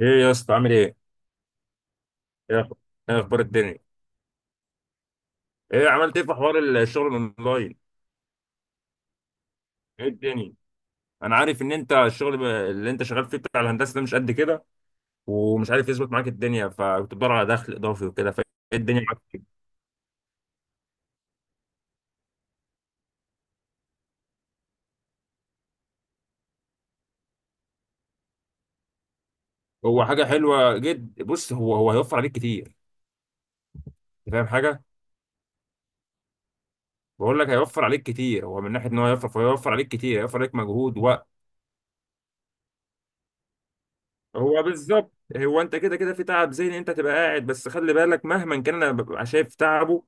ايه يا اسطى عامل ايه؟ ايه أخ- إيه اخبار الدنيا؟ ايه عملت ايه في حوار الشغل الاونلاين؟ ايه الدنيا؟ انا عارف ان انت الشغل اللي انت شغال فيه بتاع الهندسه ده مش قد كده، ومش عارف يظبط معاك الدنيا فكنت بتدور على دخل اضافي وكده، فايه الدنيا معاك فيه؟ هو حاجه حلوه جدا، بص، هو هيوفر عليك كتير. انت فاهم حاجه؟ بقول لك هيوفر عليك كتير، هو من ناحيه ان هو هيوفر، فهيوفر عليك كتير، هيوفر عليك مجهود. هو بالظبط، هو انت كده كده في تعب ذهني، انت تبقى قاعد، بس خلي بالك مهما كان انا ببقى شايف تعبه.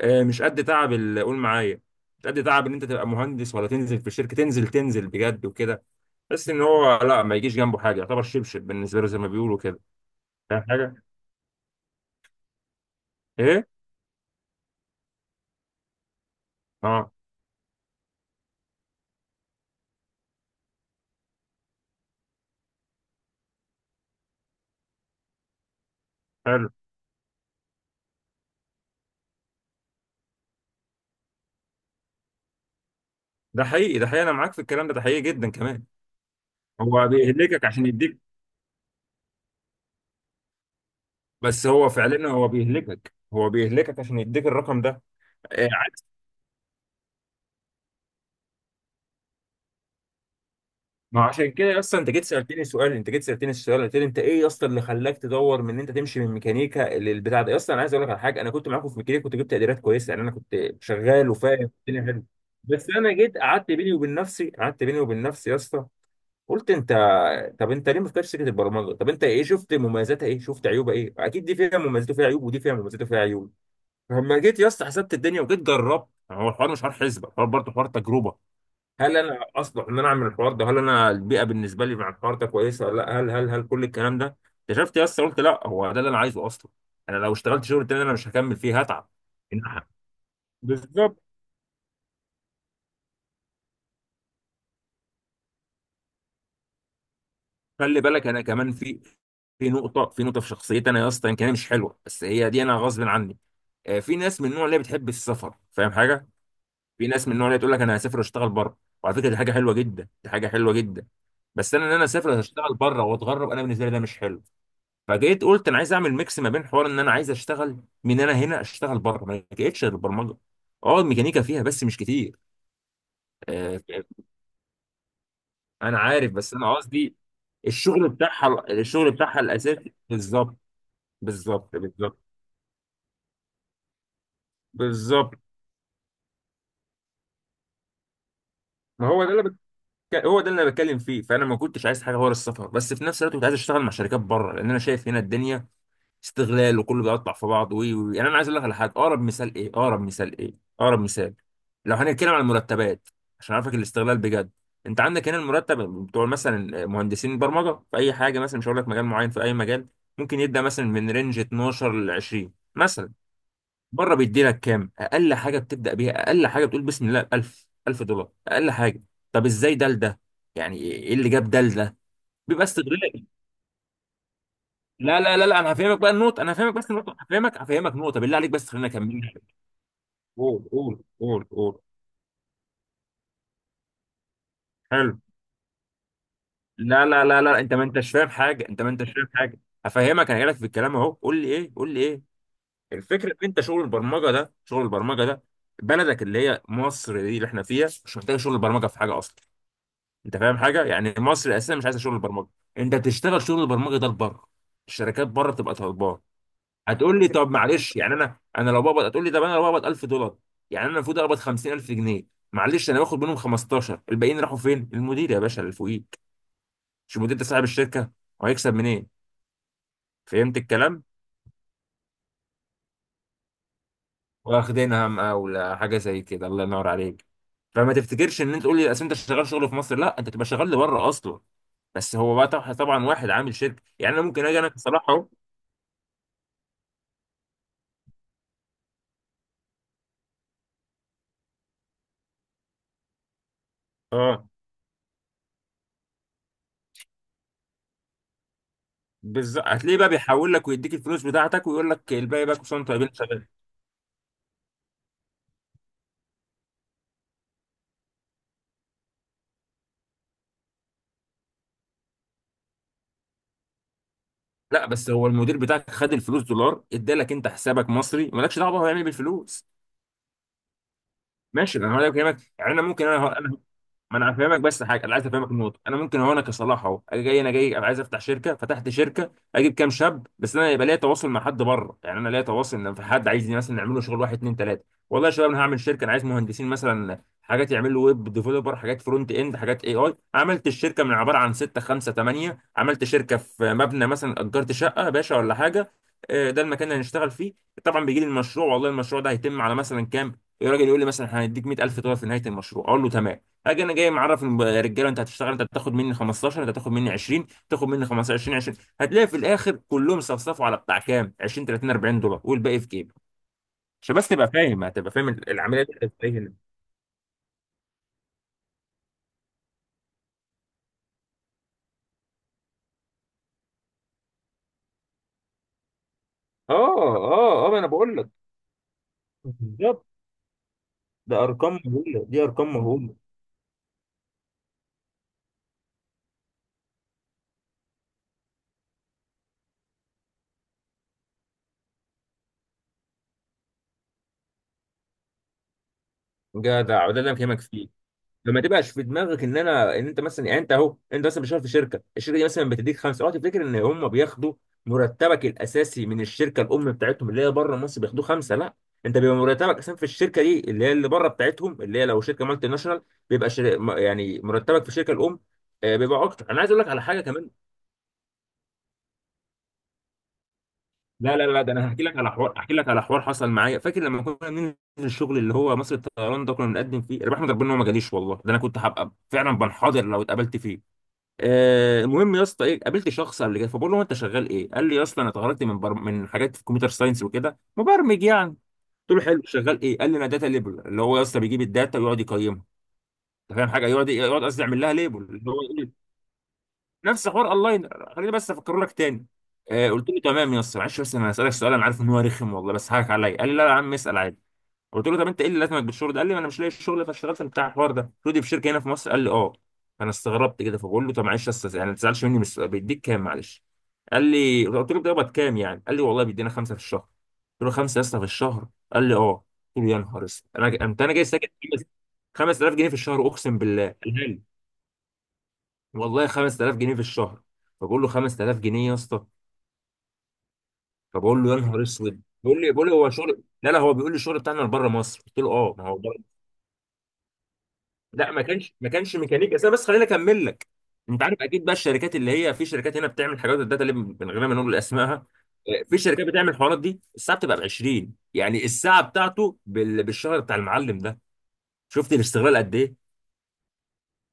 آه، مش قد تعب قول معايا، مش قد تعب ان انت تبقى مهندس ولا تنزل في الشركه، تنزل تنزل بجد وكده. بس ان هو لا، ما يجيش جنبه حاجه، يعتبر شبشب بالنسبه له زي ما بيقولوا كده. فاهم حاجه. ايه. اه. حلو. ده حقيقي انا معاك في الكلام ده حقيقي جدا كمان. هو بيهلكك عشان يديك. بس هو فعلا هو بيهلكك عشان يديك الرقم ده. آه. ما عشان كده اصلا انت جيت سالتني السؤال، قلت لي انت ايه اصلا اللي خلاك تدور من ان انت تمشي من ميكانيكا للبتاع ده؟ اصلا انا عايز اقول لك على حاجه، انا كنت معاكم في ميكانيكا، كنت جبت تقديرات كويسه، يعني انا كنت شغال وفاهم الدنيا حلو. بس انا جيت قعدت بيني وبين نفسي يا اسطى، قلت انت، طب انت ليه ما فكرتش سكه البرمجه؟ طب انت ايه شفت مميزاتها، ايه شفت عيوبها؟ ايه، اكيد دي فيها مميزات وفيها عيوب، ودي فيها مميزات وفيها عيوب. فلما جيت يا اسطى حسبت الدنيا وجيت جربت، يعني هو الحوار مش حوار حسبه، الحوار برضه حوار تجربه. هل انا اصلح ان انا اعمل الحوار ده؟ هل انا البيئه بالنسبه لي مع الحوار ده كويسه ولا لا؟ هل كل الكلام ده اكتشفت يا اسطى، قلت لا، هو ده اللي انا عايزه اصلا. انا لو اشتغلت شغل تاني انا مش هكمل فيه، هتعب. إن- بالظبط. خلي بالك انا كمان في نقطه، في شخصيتي انا يا اسطى، يمكن هي مش حلوه بس هي دي، انا غصب عني. آه، في ناس من النوع اللي بتحب السفر، فاهم حاجه، في ناس من النوع اللي تقول لك انا هسافر واشتغل بره، وعلى فكره دي حاجه حلوه جدا، دي حاجه حلوه جدا. بس انا ان انا اسافر واشتغل بره واتغرب، انا بالنسبه لي ده مش حلو. فجيت قلت انا عايز اعمل ميكس ما بين حوار ان انا عايز اشتغل من انا هنا اشتغل بره، ما لقيتش غير البرمجه. اه الميكانيكا فيها بس مش كتير. آه، انا عارف، بس انا قصدي الشغل بتاعها الاساسي. بالظبط، بالظبط، بالظبط، بالظبط. ما هو ده اللي بتك... هو ده اللي انا بتكلم فيه، فانا ما كنتش عايز حاجه ورا السفر، بس في نفس الوقت كنت عايز اشتغل مع شركات بره، لان انا شايف هنا الدنيا استغلال وكله بيقطع في بعض، وي وي يعني انا عايز اقول لك على حاجه. اقرب مثال ايه، اقرب مثال ايه، اقرب مثال، لو هنتكلم عن المرتبات، عشان اعرفك الاستغلال بجد، انت عندك هنا المرتب بتوع مثلا مهندسين برمجه في اي حاجه، مثلا مش هقول لك مجال معين، في اي مجال ممكن يبدا مثلا من رينج 12 ل 20 مثلا. بره بيدي لك كام؟ اقل حاجه بتبدا بيها، اقل حاجه بتقول بسم الله 1000، 1000 دولار اقل حاجه. طب ازاي ده لده، يعني ايه اللي جاب ده لده؟ بيبقى استغلال. لا لا لا لا، انا هفهمك بقى النقطه، انا هفهمك بس النقطه، هفهمك نقطه، بالله عليك بس خلينا اكمل. قول قول قول قول. حلو. لا لا لا لا، انت ما انتش فاهم حاجه، انت ما انتش فاهم حاجه، هفهمك، انا جايلك في الكلام اهو. قول لي ايه، قول لي ايه؟ الفكره ان انت شغل البرمجه ده، شغل البرمجه ده، بلدك اللي هي مصر دي اللي احنا فيها مش محتاجه شغل البرمجه في حاجه اصلا. انت فاهم حاجه؟ يعني مصر اساسا مش عايزه شغل البرمجه، انت بتشتغل شغل البرمجه ده لبره، الشركات بره بتبقى طالباه. هتقول لي طب معلش، يعني انا لو بقبض، هتقول لي طب انا لو بقبض 1000 دولار، يعني انا المفروض اقبض 50000 جنيه، معلش انا باخد منهم 15، الباقيين راحوا فين؟ المدير يا باشا اللي فوقيك، مش المدير ده، صاحب الشركه، وهيكسب منين؟ فهمت الكلام؟ واخدينها مقاولة، حاجه زي كده، الله ينور عليك. فما تفتكرش ان انت تقول لي اصل انت شغال شغل في مصر، لا انت تبقى شغال لبره اصلا. بس هو بقى طبعا طبعاً واحد عامل شركه، يعني انا ممكن اجي انا كصلاح اهو. اه. بالظبط، هتلاقيه بقى بيحول لك ويديك الفلوس بتاعتك ويقول لك الباقي بقى كل سنه وانت طيبين. لا، بس هو المدير بتاعك خد الفلوس دولار، ادالك انت حسابك مصري، مالكش دعوه هو يعمل ايه بالفلوس. ماشي، انا هقول لك كلمات، يعني انا ممكن، انا. ما انا هفهمك، بس حاجه انا عايز افهمك النقطه، انا ممكن اهو انا كصلاح اهو، اجي جاي، انا جاي، أنا عايز افتح شركه، فتحت شركه، اجيب كام شاب، بس انا يبقى ليا تواصل مع حد بره، يعني انا ليا تواصل ان في حد عايزني مثلا نعمل له شغل، واحد اتنين تلاته، والله يا شباب انا هعمل شركه، انا عايز مهندسين مثلا، حاجات يعملوا ويب ديفلوبر، حاجات فرونت اند، حاجات، اي عملت الشركه من عباره عن سته، خمسه، ثمانيه، عملت شركه في مبنى، مثلا اجرت شقه باشا ولا حاجه. آه، ده المكان اللي هنشتغل فيه. طبعا بيجي لي المشروع، والله المشروع ده هيتم على مثلا كام؟ الراجل يقول لي مثلا احنا هنديك 100000 دولار في نهايه المشروع، اقول له تمام. اجي انا جاي معرف الرجاله، انت هتشتغل، انت هتاخد مني 15، انت هتاخد مني 20، تاخد مني 15، 20، 20، هتلاقي في الاخر كلهم صفصفوا على بتاع كام، 20، 30، 40 دولار، والباقي في جيبي، عشان بس تبقى فاهم، هتبقى فاهم العمليه دي بتبقى ازاي هنا. اه اه اه، ما انا بقول لك. بالظبط. ده ارقام مهوله، دي ارقام مهوله. جدع، وده اللي انا بكلمك فيه. فما تبقاش في دماغك ان انا، ان انت مثلا، يعني انت اهو، انت مثلا بتشتغل في شركه، الشركه دي مثلا بتديك خمسه، اوعى تفتكر ان هم بياخدوا مرتبك الاساسي من الشركه الام بتاعتهم اللي هي بره مصر بياخدوه خمسه، لا. انت بيبقى مرتبك اساسا في الشركه دي اللي هي اللي بره بتاعتهم، اللي هي لو شركه مالتي ناشونال، بيبقى يعني مرتبك في الشركه الام. آه، بيبقى اكتر. انا عايز اقول لك على حاجه كمان. لا لا لا، ده انا هحكي لك على حوار، احكي لك على حوار حصل معايا، فاكر لما كنا بننزل الشغل اللي هو مصر الطيران ده، كنا بنقدم فيه، انا بحمد ربنا ان هو ما جاليش، والله ده انا كنت هبقى فعلا بنحاضر لو اتقابلت فيه. آه، المهم يا اسطى ايه، قابلت شخص قبل كده، فبقول له انت شغال ايه؟ قال لي يا اسطى انا اتخرجت من من حاجات في الكمبيوتر ساينس وكده، مبرمج يعني. قلت له حلو، شغال ايه؟ قال لي انا داتا ليبل، اللي هو يا اسطى بيجيب الداتا ويقعد يقيمها، انت فاهم حاجه، يقعد يقعد قصدي يعمل لها ليبل اللي هو ايه، نفس حوار اونلاين، خليني بس افكر لك تاني. آه. قلت له تمام يا اسطى، معلش بس انا هسالك سؤال، انا عارف ان هو رخم والله، بس هاك عليا. قال لي لا يا عم اسال عادي. قلت له طب انت ايه اللي لازمك بالشغل ده؟ قال لي ما انا مش لاقي الشغل، فاشتغلت بتاع الحوار ده. قلت له دي في شركه هنا في مصر؟ قال لي اه. فانا استغربت كده، فبقول له طب معلش يا استاذ يعني ما تزعلش مني من السؤال، بيديك كام؟ معلش. قال لي قلت له بتقبض كام يعني، قال لي والله بيدينا خمسه في الشهر. قلت له خمسه يا اسطى في الشهر؟ قال لي اه. قلت له يا نهار اسود، انا انت انا جاي ساكن، 5000 جنيه في الشهر اقسم بالله؟ قال لي والله 5000 جنيه في الشهر. فبقول له 5000 جنيه يا اسطى، فبقول له يا نهار اسود. بيقول لي هو شغل، لا لا، هو بيقول لي الشغل بتاعنا بره مصر، قلت له اه ما هو. لا، ما كانش ميكانيكا، بس أنا بس خليني اكمل لك. انت عارف اكيد بقى الشركات اللي هي، في شركات هنا بتعمل حاجات الداتا اللي من غير ما نقول اسمائها، آه، في شركات بتعمل الحوارات دي، الساعه بتبقى ب 20، يعني الساعه بتاعته بالشهر بتاع المعلم ده، شفت الاستغلال قد ايه؟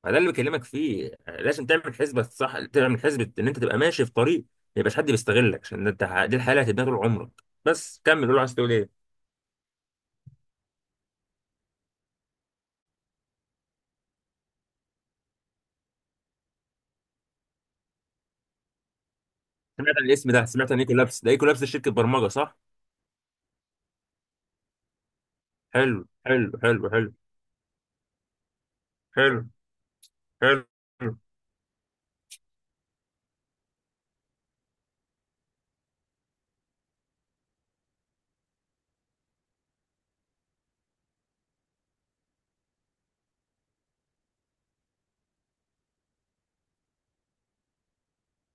فده اللي بكلمك فيه. آه، لازم تعمل حسبه صح، تعمل حسبه ان انت تبقى ماشي في طريق ما يبقاش حد بيستغلك، عشان انت دي الحياه اللي هتبقى طول عمرك. بس كمل، قول عايز تقول ايه. سمعت عن الاسم ده، سمعت عن ايكو لابس ده، ايكو لابس دي شركه برمجه صح؟ حلو. حلو حلو حلو. حلو. حلو.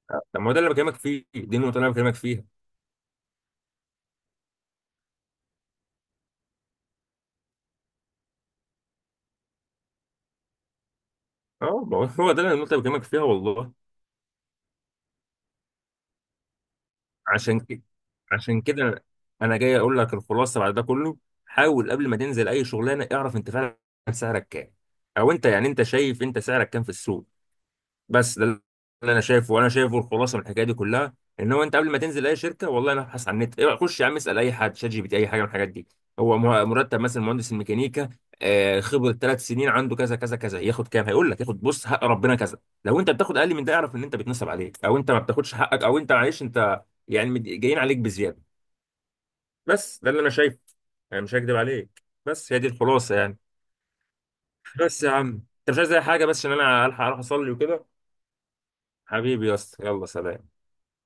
طب ما هو ده اللي بكلمك فيه، دي النقطة اللي أنا بكلمك فيها. أه ما هو ده اللي النقطة اللي بكلمك فيها والله. عشان كده، عشان كده، أنا جاي أقول لك الخلاصة بعد ده كله. حاول قبل ما تنزل أي شغلانة اعرف أنت فعلا سعرك كام، أو أنت يعني أنت شايف أنت سعرك كام في السوق. بس ده اللي انا شايفه، وانا شايفه الخلاصه من الحكايه دي كلها، ان هو انت قبل ما تنزل اي شركه والله، انا ابحث عن النت، إيه، خش يا عم اسال اي حد، شات جي بي تي، اي حاجه من الحاجات دي، هو مرتب مثلا مهندس الميكانيكا، آه، خبره 3 سنين عنده كذا كذا كذا، ياخد كام؟ هيقول لك ياخد، بص حق ربنا، كذا. لو انت بتاخد اقل من ده اعرف ان انت بيتنصب عليك، او انت ما بتاخدش حقك، او انت معلش انت، يعني جايين عليك بزياده. بس ده اللي انا شايفه، انا مش هكدب عليك، بس هي دي الخلاصه يعني. بس يا عم، انت مش عايز اي حاجه، بس عشان انا الحق اروح اصلي وكده. حبيبي يا اسطى، يلا سلام.